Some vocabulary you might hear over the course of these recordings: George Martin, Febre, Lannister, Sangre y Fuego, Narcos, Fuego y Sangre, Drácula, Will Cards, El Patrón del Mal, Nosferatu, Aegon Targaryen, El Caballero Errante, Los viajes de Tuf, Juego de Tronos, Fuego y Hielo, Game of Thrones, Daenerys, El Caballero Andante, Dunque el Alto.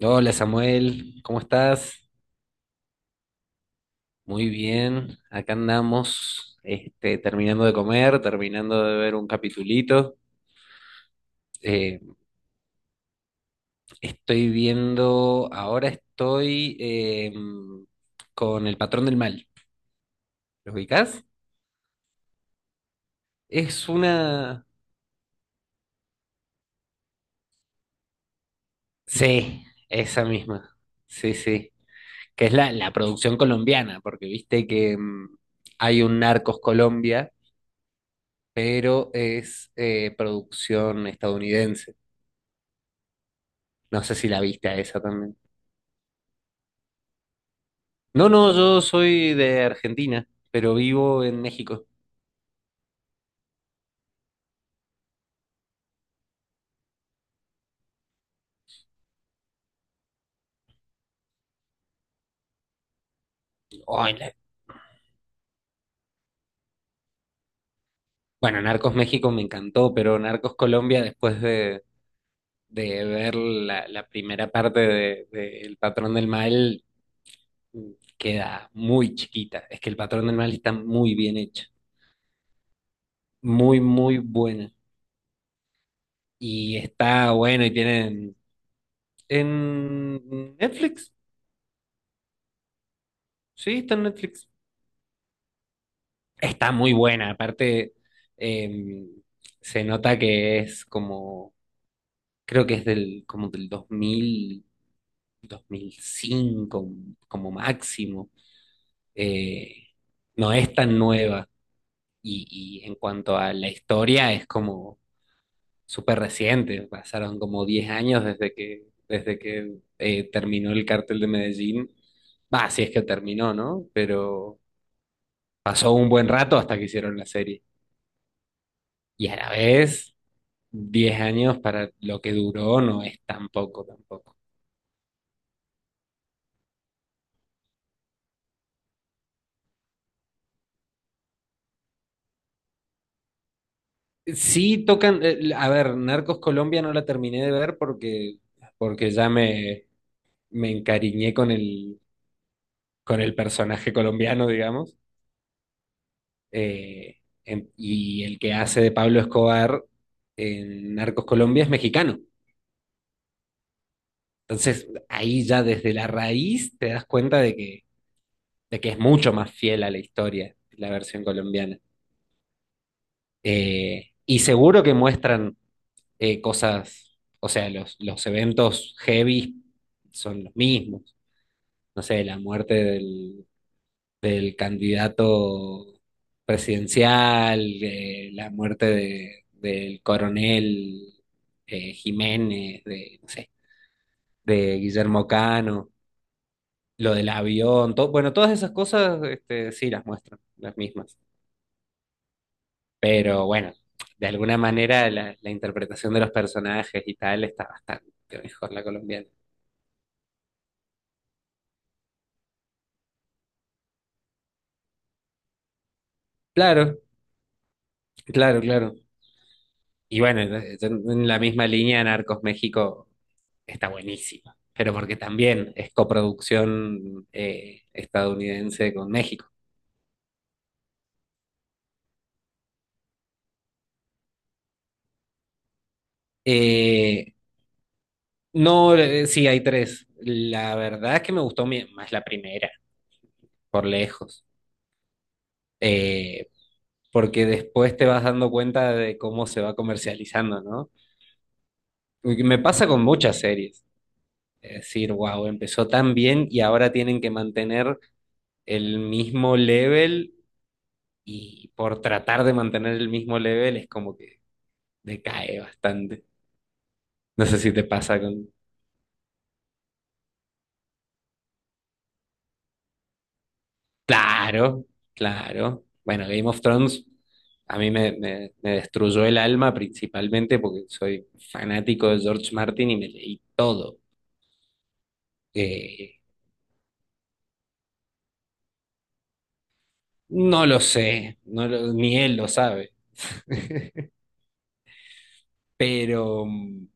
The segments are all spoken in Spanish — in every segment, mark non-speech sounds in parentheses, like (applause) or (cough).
Hola Samuel, ¿cómo estás? Muy bien, acá andamos, este, terminando de comer, terminando de ver un capitulito. Eh, Estoy viendo, ahora estoy con El Patrón del Mal. ¿Lo ubicás? Es una... Sí, esa misma. Sí, sí. Que es la producción colombiana, porque viste que hay un Narcos Colombia, pero es producción estadounidense. No sé si la viste a esa también. No, no, yo soy de Argentina, pero vivo en México. Ay, bueno, Narcos México me encantó, pero Narcos Colombia, después de ver la primera parte de El Patrón del Mal, queda muy chiquita. Es que El Patrón del Mal está muy bien hecho, muy, muy buena. Y está bueno y tienen... En Netflix, sí, está en Netflix. Está muy buena, aparte eh, se nota que es como, creo que es del, como del dos 2000 2005 como máximo. Eh, no es tan nueva y en cuanto a la historia es como súper reciente, pasaron como 10 años desde que terminó el cartel de Medellín. Va, si es que terminó, ¿no? Pero pasó un buen rato hasta que hicieron la serie. Y a la vez 10 años para lo que duró no es tan poco tampoco. Sí tocan, a ver, Narcos Colombia no la terminé de ver porque ya me encariñé con el personaje colombiano, digamos, eh, y el que hace de Pablo Escobar en Narcos Colombia es mexicano. Entonces ahí ya desde la raíz te das cuenta de que es mucho más fiel a la historia la versión colombiana. Y seguro que muestran cosas, o sea, los eventos heavy son los mismos. No sé, la muerte del candidato presidencial, la muerte del coronel Jiménez, de, no sé, de Guillermo Cano, lo del avión, todo, bueno, todas esas cosas este, sí las muestran, las mismas. Pero bueno, de alguna manera la interpretación de los personajes y tal está bastante mejor la colombiana. Claro, claro, claro. Y bueno, en la misma línea, Narcos México está buenísimo, pero porque también es coproducción estadounidense con México. Eh, no, sí, hay tres. La verdad es que me gustó más la primera, por lejos. Eh, Porque después te vas dando cuenta de cómo se va comercializando, ¿no? Y me pasa con muchas series. Es decir, wow, empezó tan bien y ahora tienen que mantener el mismo level y por tratar de mantener el mismo level es como que decae bastante. No sé si te pasa con... Claro, claro. Bueno, Game of Thrones a mí me destruyó el alma principalmente porque soy fanático de George Martin y me leí todo. Eh, no lo sé, ni él lo sabe, pero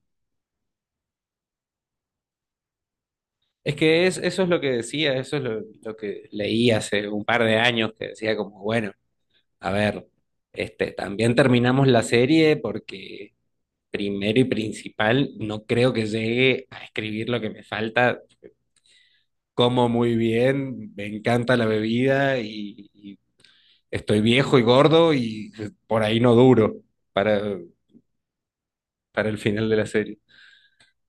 es que es, eso es lo que decía, eso es lo que leí hace un par de años, que decía como, bueno. A ver, este, también terminamos la serie porque primero y principal, no creo que llegue a escribir lo que me falta. Como muy bien, me encanta la bebida y estoy viejo y gordo y por ahí no duro para, para el final de la serie,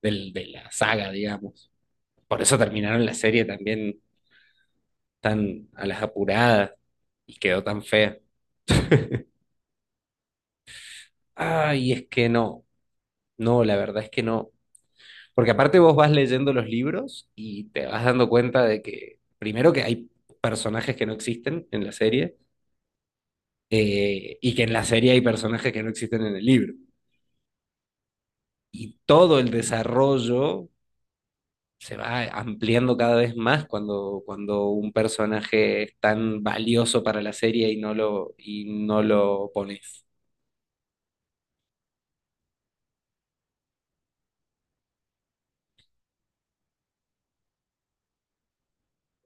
del, de la saga, digamos. Por eso terminaron la serie también tan a las apuradas y quedó tan fea. Ay, es que no, no, la verdad es que no. Porque aparte vos vas leyendo los libros y te vas dando cuenta de que, primero que hay personajes que no existen en la serie, y que en la serie hay personajes que no existen en el libro. Y todo el desarrollo se va ampliando cada vez más cuando un personaje es tan valioso para la serie y no lo pones.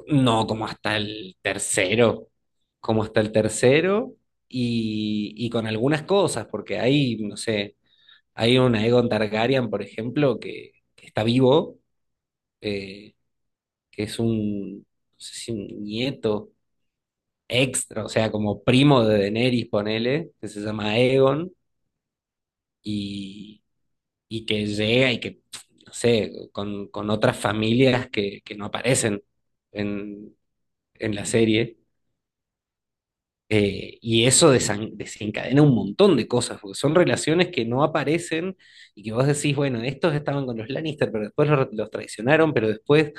No, como hasta el tercero y con algunas cosas, porque ahí, no sé. Hay un Aegon Targaryen, por ejemplo, que está vivo, eh, que es un, no sé si un nieto extra, o sea, como primo de Daenerys, ponele, que se llama Aegon, y, y que llega y que, no sé, con otras familias que no aparecen en, en la serie. Y eso desencadena un montón de cosas, porque son relaciones que no aparecen y que vos decís, bueno, estos estaban con los Lannister, pero después los traicionaron, pero después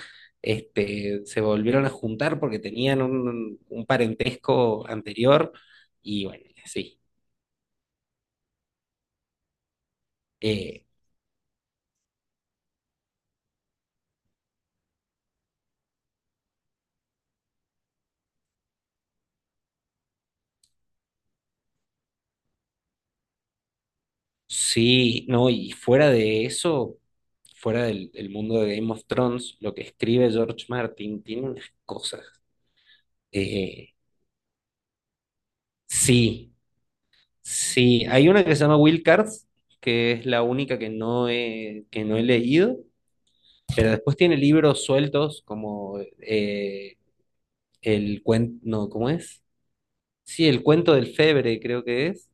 este, se volvieron a juntar porque tenían un parentesco anterior. Y bueno, sí. Eh, sí, no, y fuera de eso, fuera del mundo de Game of Thrones, lo que escribe George Martin tiene unas cosas. eh, sí, Sí, hay una que se llama Will Cards, que es la única que no he leído, pero después tiene libros sueltos como el cuento, no, ¿cómo es? Sí, el cuento del Febre creo que es,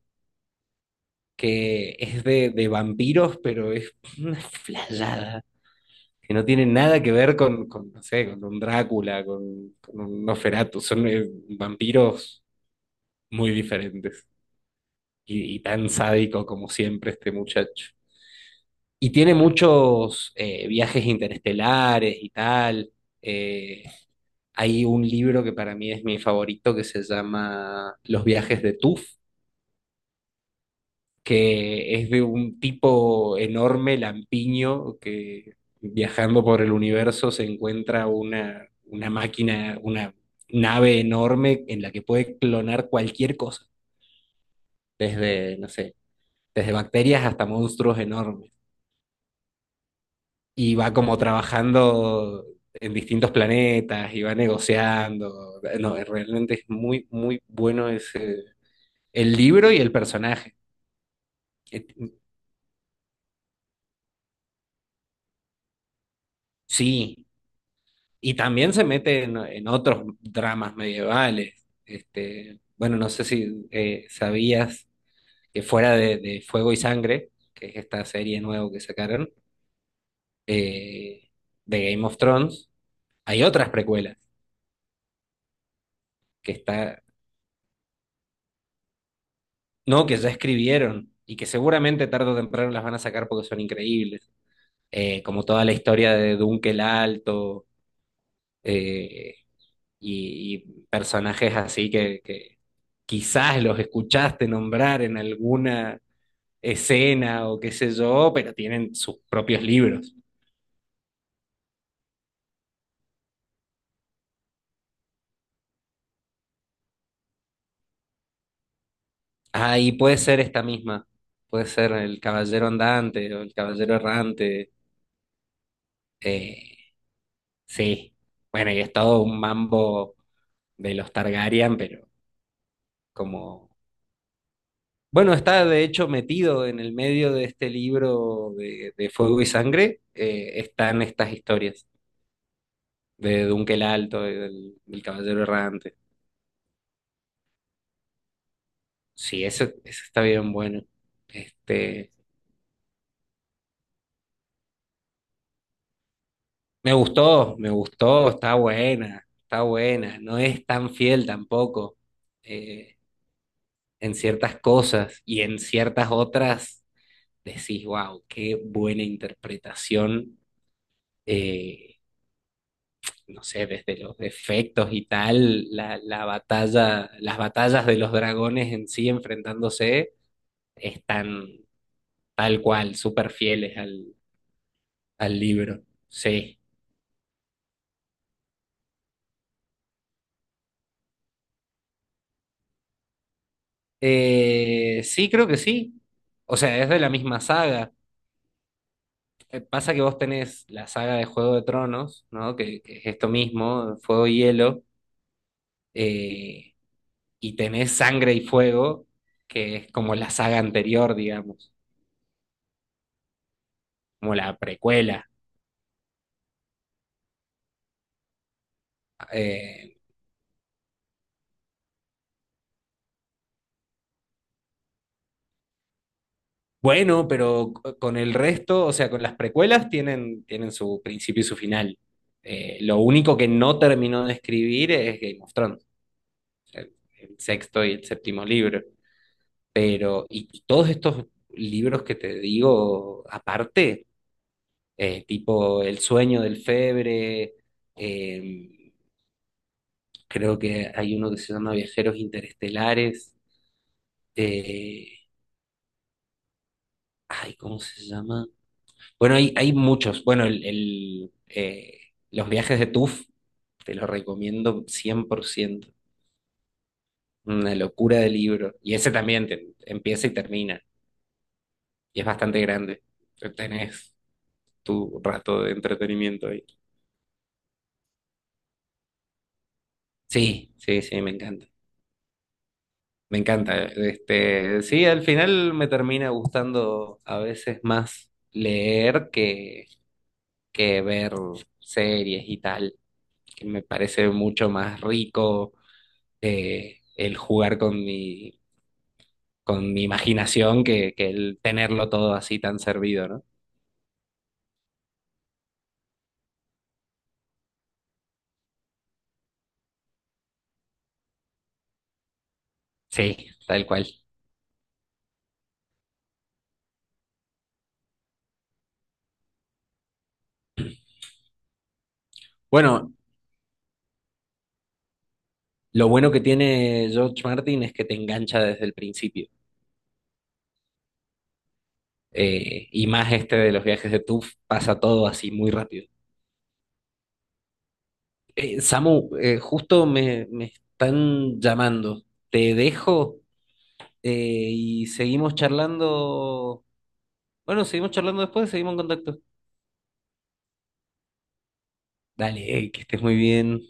que es de vampiros, pero es (laughs) una flayada, que no tiene nada que ver con, no sé, con un Drácula, con un Nosferatu, son vampiros muy diferentes y tan sádico como siempre este muchacho. Y tiene muchos viajes interestelares y tal. Eh, Hay un libro que para mí es mi favorito que se llama Los viajes de Tuf, que es de un tipo enorme, lampiño, que viajando por el universo se encuentra una máquina, una nave enorme en la que puede clonar cualquier cosa, desde, no sé, desde bacterias hasta monstruos enormes. Y va como trabajando en distintos planetas y va negociando. No, realmente es muy, muy bueno ese, el libro y el personaje. Eh, Sí, y también se mete en otros dramas medievales. Este, bueno, no sé si sabías que fuera de Fuego y Sangre, que es esta serie nueva que sacaron, eh, de Game of Thrones, hay otras precuelas que está no, que ya escribieron y que seguramente tarde o temprano las van a sacar porque son increíbles. Como toda la historia de Dunque el Alto, eh, y personajes así que quizás los escuchaste nombrar en alguna escena o qué sé yo, pero tienen sus propios libros. Ah, y puede ser esta misma. Puede ser El Caballero Andante o El Caballero Errante. Eh, sí. Bueno, y es todo un mambo de los Targaryen, pero como, bueno, está de hecho metido en el medio de este libro de Fuego y Sangre, están estas historias de Dunque el Alto, y del Caballero Errante. Sí, eso está bien bueno. Este, me gustó, está buena, no es tan fiel tampoco eh, en ciertas cosas y en ciertas otras decís, wow, qué buena interpretación. eh, no sé, desde los efectos y tal, la batalla, las batallas de los dragones en sí enfrentándose están tal cual, súper fieles al libro. Sí. Sí, creo que sí. O sea, es de la misma saga. Pasa que vos tenés la saga de Juego de Tronos, ¿no? Que es esto mismo, Fuego y Hielo, eh, y tenés Sangre y Fuego, que es como la saga anterior, digamos, como la precuela. Eh, Bueno, pero con el resto, o sea, con las precuelas tienen su principio y su final. Lo único que no terminó de escribir es Game of Thrones, el, el sexto y el séptimo libro. Pero, y todos estos libros que te digo aparte, tipo El sueño del Febre, eh, creo que hay uno que se llama Viajeros Interestelares, eh, ay, ¿cómo se llama? Bueno, hay muchos. Bueno, los viajes de Tuf te los recomiendo 100%. Una locura de libro. Y ese también empieza y termina. Y es bastante grande. Tenés tu rato de entretenimiento ahí. Sí, sí, sí, me encanta. Me encanta. Este, sí, al final me termina gustando a veces más leer que ver series y tal, que me parece mucho más rico el jugar con mi, imaginación que el tenerlo todo así tan servido, ¿no? Sí, tal cual. Bueno, lo bueno que tiene George Martin es que te engancha desde el principio. Y más este de los viajes de Tuf, pasa todo así muy rápido. Samu, justo me están llamando. Te dejo eh, y seguimos charlando. Bueno, seguimos charlando después, seguimos en contacto. Dale, que estés muy bien.